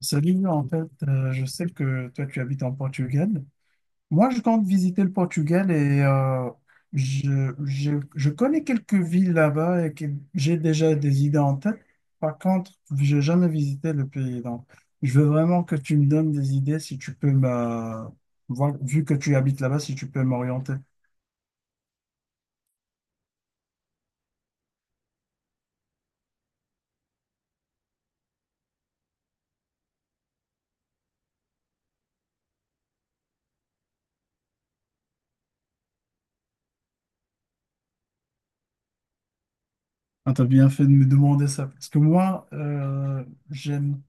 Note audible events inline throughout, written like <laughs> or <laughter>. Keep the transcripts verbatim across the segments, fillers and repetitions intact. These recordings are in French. Salut, en fait, euh, je sais que toi tu habites en Portugal. Moi, je compte visiter le Portugal et euh, je, je, je connais quelques villes là-bas et que j'ai déjà des idées en tête. Par contre, j'ai jamais visité le pays. Donc, je veux vraiment que tu me donnes des idées si tu peux me, voir- vu que tu habites là-bas, si tu peux m'orienter. Ah, t'as bien fait de me demander ça, parce que moi, euh, j'aime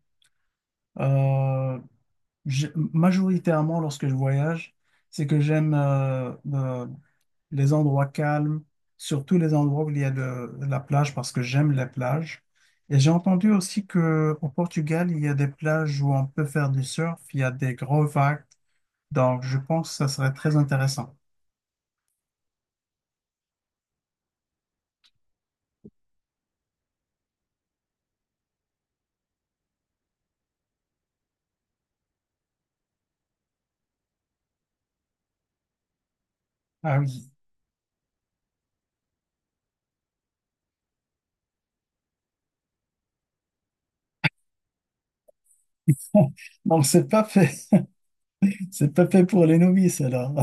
euh, j'ai- majoritairement lorsque je voyage, c'est que j'aime euh, euh, les endroits calmes, surtout les endroits où il y a de, de la plage, parce que j'aime les plages. Et j'ai entendu aussi que au Portugal, il y a des plages où on peut faire du surf, il y a des gros vagues, donc, je pense que ça serait très intéressant. Ah oui. <laughs> Donc, c'est pas fait. <laughs> C'est pas fait pour les novices, alors.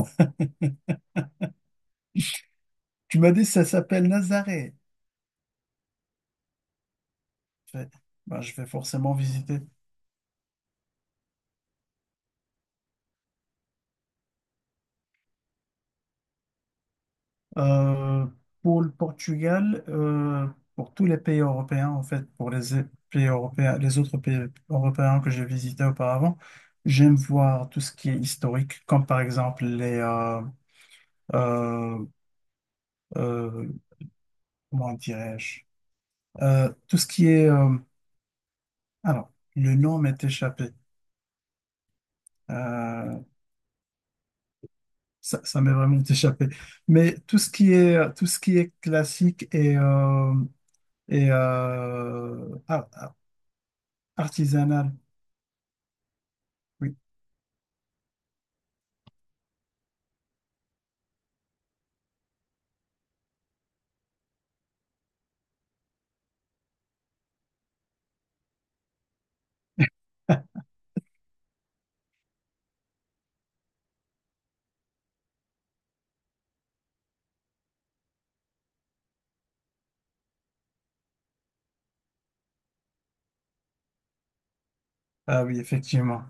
Tu m'as dit que ça s'appelle Nazaré. Je fais, bah, je vais forcément visiter. Euh, pour le Portugal, euh, pour tous les pays européens, en fait, pour les é- pays européens, les autres pays européens que j'ai visités auparavant, j'aime voir tout ce qui est historique, comme par exemple les, euh, euh, euh, comment dirais-je, Euh, tout ce qui est, euh, alors, le nom m'est échappé. Euh, ça, ça m'est vraiment <laughs> échappé. Mais tout ce qui est, tout ce qui est classique et, euh, et euh, ar- ar- artisanal. Oui. Ah oui, effectivement.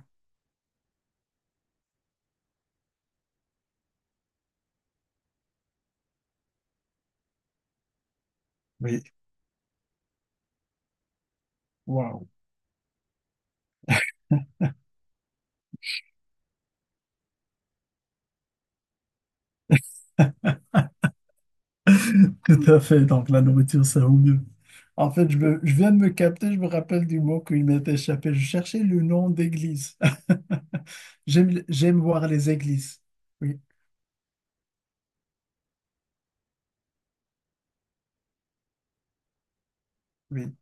Oui. Waouh. <laughs> Tout à fait. Donc, la nourriture, ça vaut mieux. En fait, je, me- je viens de me capter, je me rappelle du mot qui m'est échappé. Je cherchais le nom d'église. <laughs> J'aime, j'aime voir les églises. Oui, oui.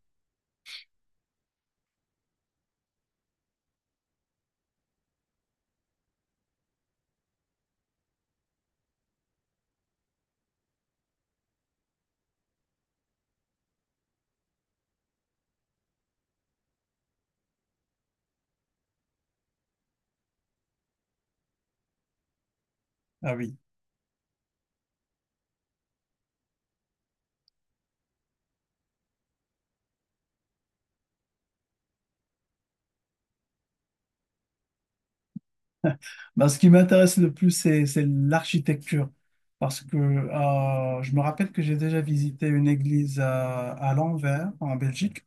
Ah oui. Ben, ce qui m'intéresse le plus, c'est, c'est l'architecture. Parce que euh, je me rappelle que j'ai déjà visité une église à, à Lanvers, en Belgique.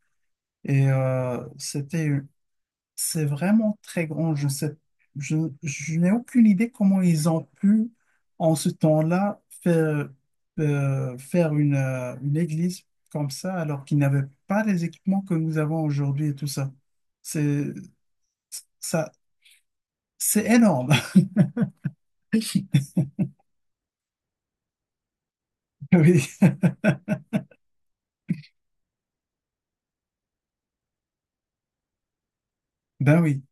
Et euh, c'était. C'est vraiment très grand. Je sais, je, je n'ai aucune idée comment ils ont pu, en ce temps-là, faire, euh, faire une, euh, une église comme ça, alors qu'ils n'avaient pas les équipements que nous avons aujourd'hui et tout ça. C'est, ça, c'est énorme. <laughs> Oui. Ben oui.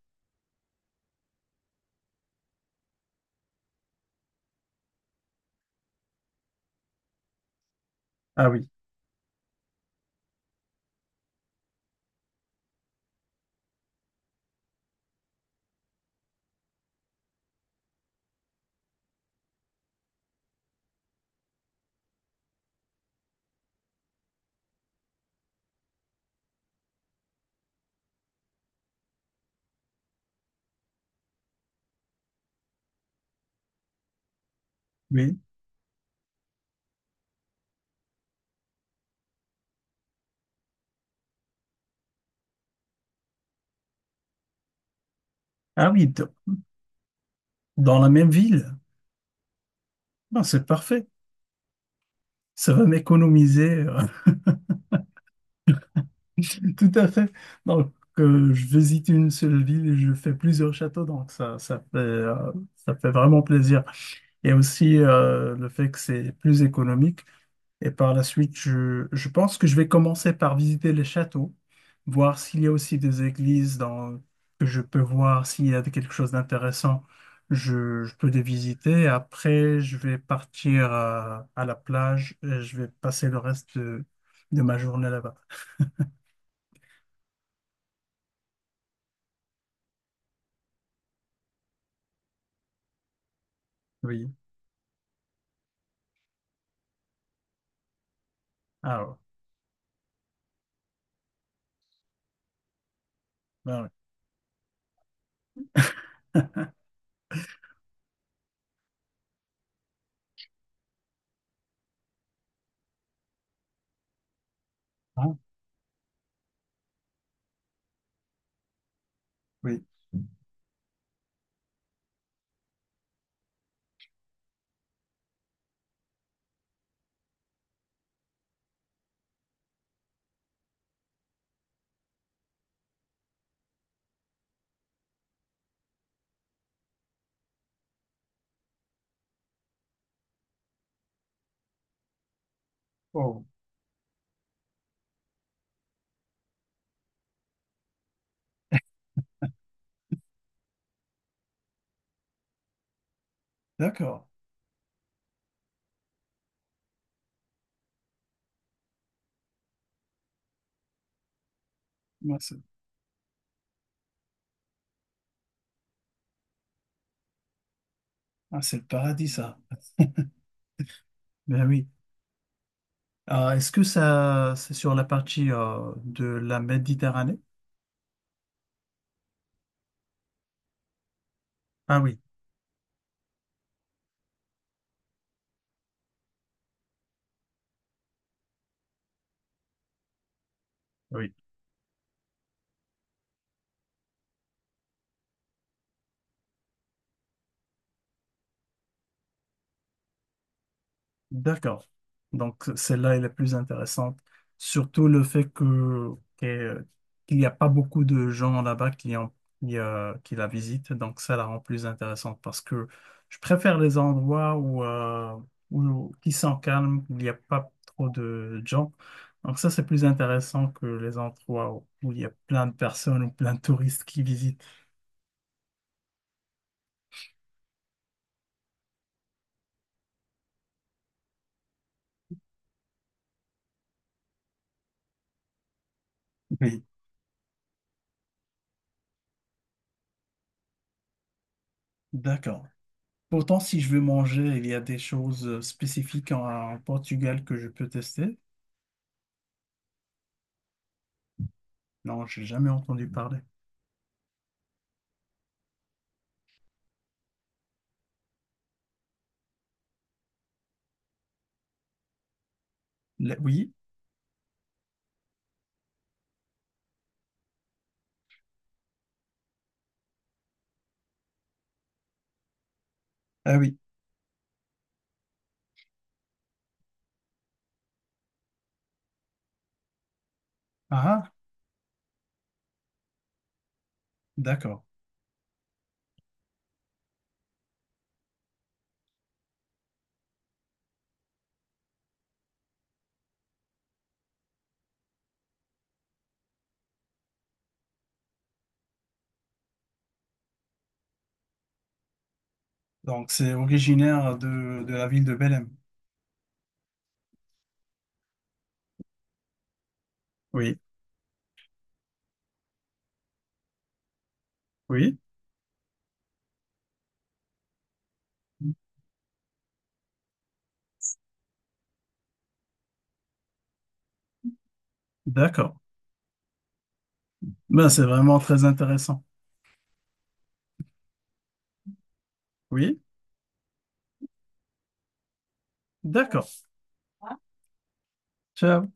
Ah oui. Oui. Ah oui. d- Dans la même ville. Ben, c'est parfait. Ça va m'économiser. <laughs> Tout à fait. Donc, euh, je visite une seule ville et je fais plusieurs châteaux, donc ça, ça fait, euh, ça fait vraiment plaisir. Et aussi euh, le fait que c'est plus économique. Et par la suite, je, je pense que je vais commencer par visiter les châteaux, voir s'il y a aussi des églises dans, que je peux voir, s'il y a quelque chose d'intéressant, je, je peux les visiter. Après, je vais partir à, à la plage et je vais passer le reste de, de ma journée là-bas. Oui. Alors. Ben oui. Hein. Oui. Oh, d'accord. Ouais, c'est ah, c'est le paradis, ça. Ben oui. Ah, est-ce que ça, c'est sur la partie euh, de la Méditerranée? Ah oui. Oui. D'accord. Donc, celle-là, elle est plus intéressante. Surtout le fait que, que- qu'il n'y a pas beaucoup de gens là-bas qui, en- qui, euh, qui la visitent. Donc, ça la rend plus intéressante parce que je préfère les endroits où, euh, où- qui sont calmes, où il n'y a pas trop de gens. Donc, ça, c'est plus intéressant que les endroits où, où il y a plein de personnes ou plein de touristes qui visitent. Oui. D'accord. Pourtant, si je veux manger, il y a des choses spécifiques en en Portugal que je peux tester. Non, j'ai jamais entendu parler. Le- oui? Ah oui. Ah, ah, d'accord. Donc, c'est originaire de, de la ville de Belém. Oui, oui, d'accord. Ben, c'est vraiment très intéressant. Oui, d'accord. Ciao.